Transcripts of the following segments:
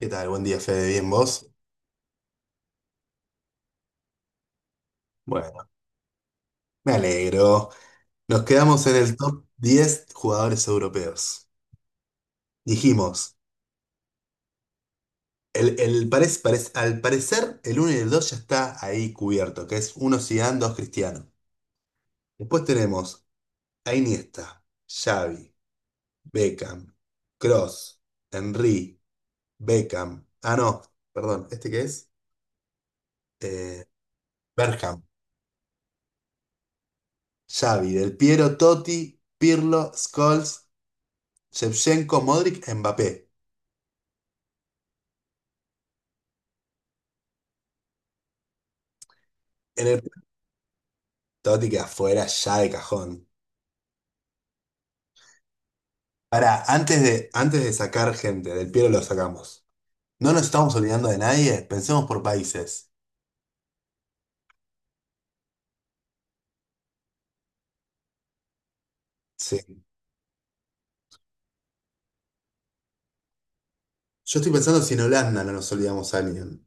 ¿Qué tal? Buen día, Fede. ¿Bien vos? Bueno, me alegro. Nos quedamos en el top 10 jugadores europeos. Dijimos, al parecer el uno y el 2 ya está ahí cubierto, que es uno Zidane, dos Cristiano. Después tenemos a Iniesta, Xavi, Beckham, Cross, Henry, Beckham. Ah, no, perdón, ¿este qué es? Eh, Bergkamp, Xavi, Del Piero, Totti, Pirlo, Scholes, Shevchenko, Modric, Mbappé. En el Totti queda afuera ya de cajón. Pará, antes de sacar gente, del Piero lo sacamos. No nos estamos olvidando de nadie, pensemos por países. Sí. Yo estoy pensando si en Holanda no nos olvidamos a alguien.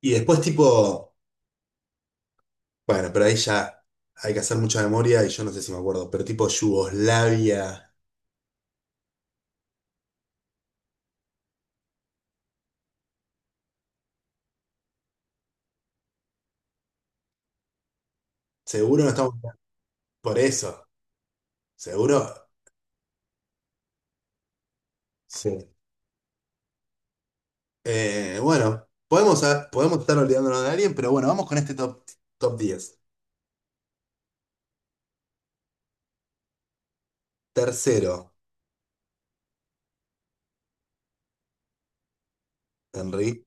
Y después, tipo, bueno, pero ahí ya hay que hacer mucha memoria y yo no sé si me acuerdo, pero tipo Yugoslavia. Seguro no estamos. Por eso. Seguro. Sí. Bueno, podemos estar olvidándonos de alguien, pero bueno, vamos con este top, top diez. Tercero, Henry.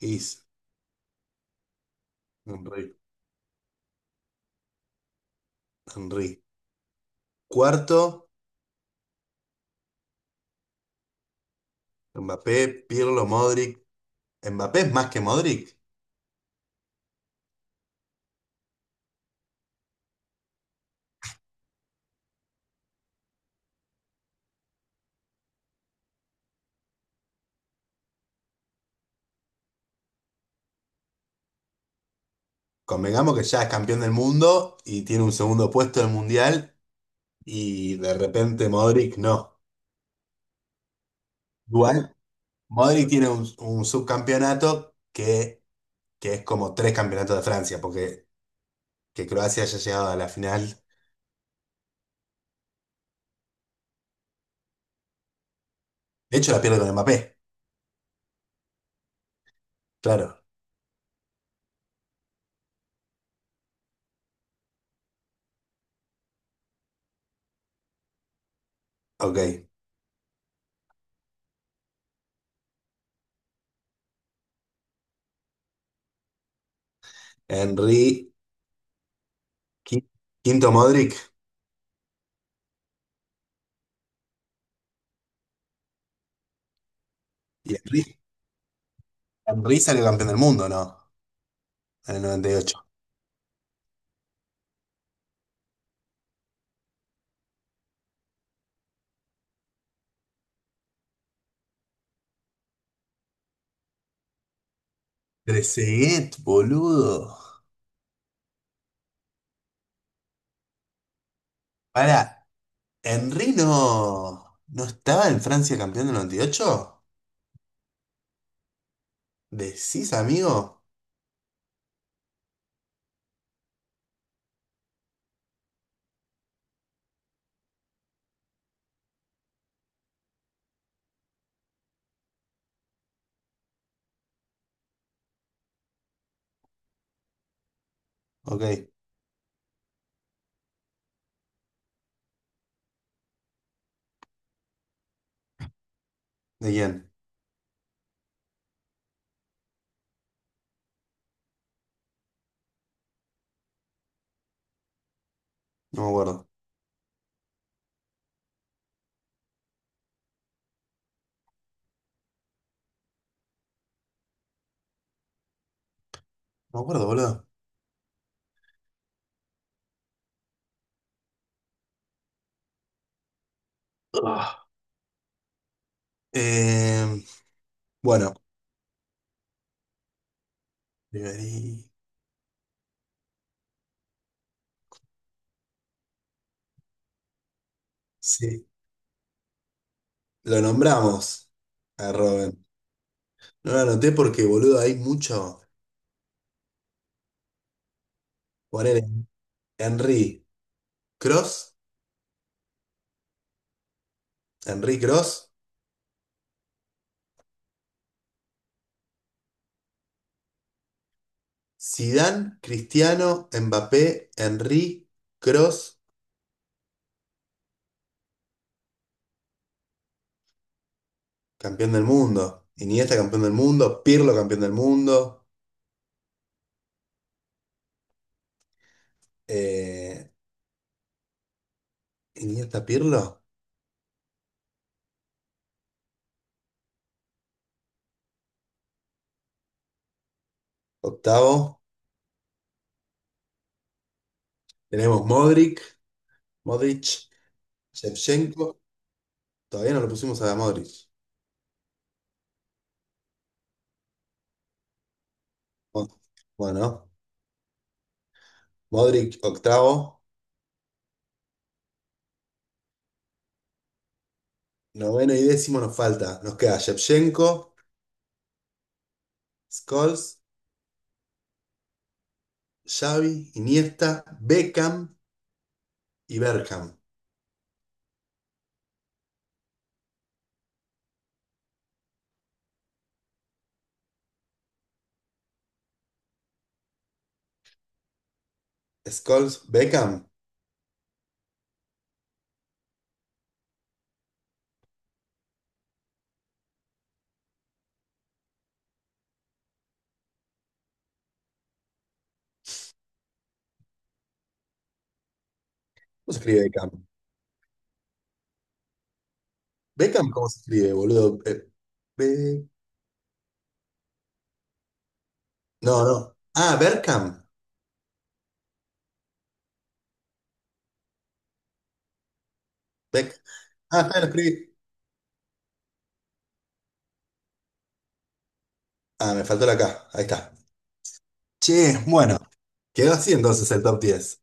Is Henry, Henry. Cuarto, Mbappé, Pirlo, Modric. Mbappé es más que Modric. Convengamos que ya es campeón del mundo y tiene un segundo puesto del mundial y de repente Modric no. Igual, Modric tiene un subcampeonato que es como tres campeonatos de Francia, porque que Croacia haya llegado a la final. De hecho, la pierde con Mbappé. Claro, ok. Henry, qui- quinto Modric. Y Henry, Henry salió campeón del mundo, ¿no? En el noventa y ocho. Trezeguet, boludo. Para, ¿Henry no estaba en Francia campeón del 98? ¿Decís, amigo? Ok, ¿de quién? No me acuerdo. No me acuerdo, boludo. Ah. Eh, bueno, Ribery. Sí, lo nombramos a Robin. No lo anoté porque, boludo, hay mucho. Poner Henry Cross, Henry Cross, Zidane, Cristiano, Mbappé, Henry Cross. Campeón del mundo. Iniesta campeón del mundo. Pirlo campeón del mundo. Eh, Iniesta Pirlo. Octavo. Tenemos Modric. Modric. Shevchenko. Todavía no lo pusimos a Modric. Mo- Bueno, Modric octavo. Noveno y décimo nos falta. Nos queda Shevchenko, Scholes, Xavi, Iniesta, Beckham y Bergkamp. Scholes, Beckham. ¿Cómo se escribe Beckham? Beckham, ¿cómo se escribe, boludo? No, no. Ah, Bergkamp. Beck- Ah, está, lo escribí. Ah, me faltó la K. Ahí está. Che, bueno. ¿Quedó así entonces el top 10?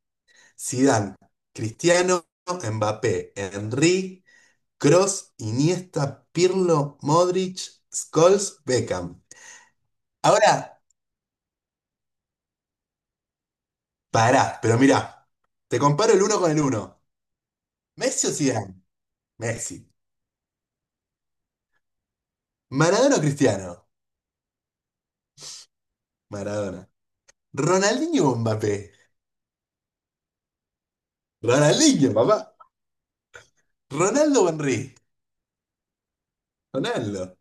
Zidane, Cristiano, Mbappé, Henry, Kroos, Iniesta, Pirlo, Modric, Scholes, Beckham. Ahora, pará, pero mirá. Te comparo el uno con el uno. ¿Messi o Zidane? Messi. ¿Maradona o Cristiano? Maradona. ¿Ronaldinho o Mbappé? Ronaldinho, papá. ¿Ronaldo o Henry? Ronaldo.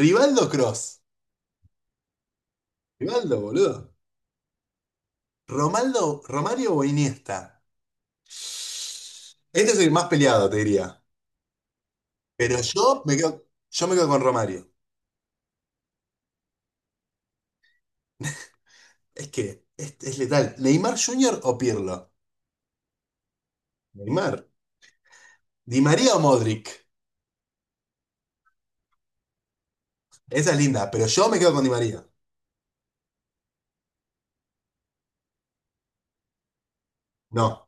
Rivaldo Cross. Rivaldo, boludo. Romaldo, Romario o Iniesta. Este es el más peleado, te diría. Yo me quedo con Romario. Es que es letal. ¿Neymar Jr. o Pirlo? Neymar. ¿Di María o Modric? Esa es linda, pero yo me quedo con Di María. No.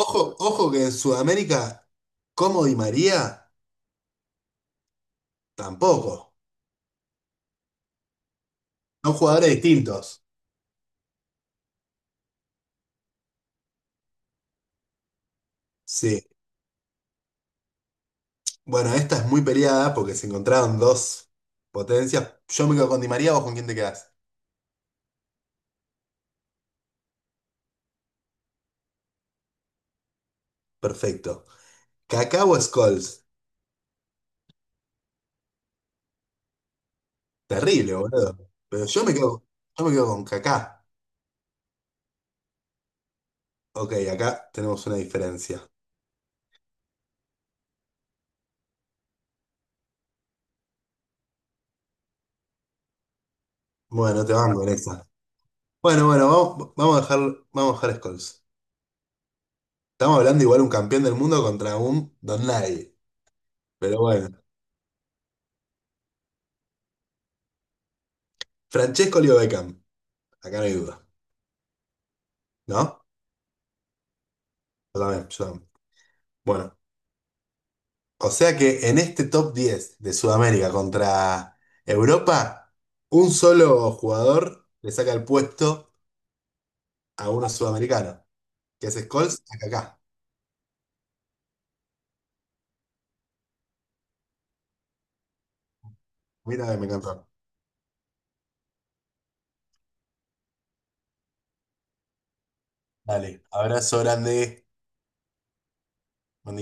Ojo, ojo que en Sudamérica, como Di María, tampoco. Son jugadores distintos. Sí. Bueno, esta es muy peleada porque se encontraron dos potencias. Yo me quedo con Di María, ¿vos con quién te quedás? Perfecto. ¿Kaká o Scholes? Terrible, boludo. Pero yo me quedo, yo me quedo con Kaká. Ok, acá tenemos una diferencia. Bueno, te. Ah, banco en esa. Bueno, bueno, vamos, vamos a dejar, vamos a dejar Scholes. Estamos hablando igual un campeón del mundo contra un don nadie. Pero bueno. Francesco Leo Beckham. Acá no hay duda. ¿No? Yo también, yo también. Bueno. O sea que en este top 10 de Sudamérica contra Europa, un solo jugador le saca el puesto a uno sudamericano, que es Scholes acá. Mira que me encantó. Dale, abrazo grande.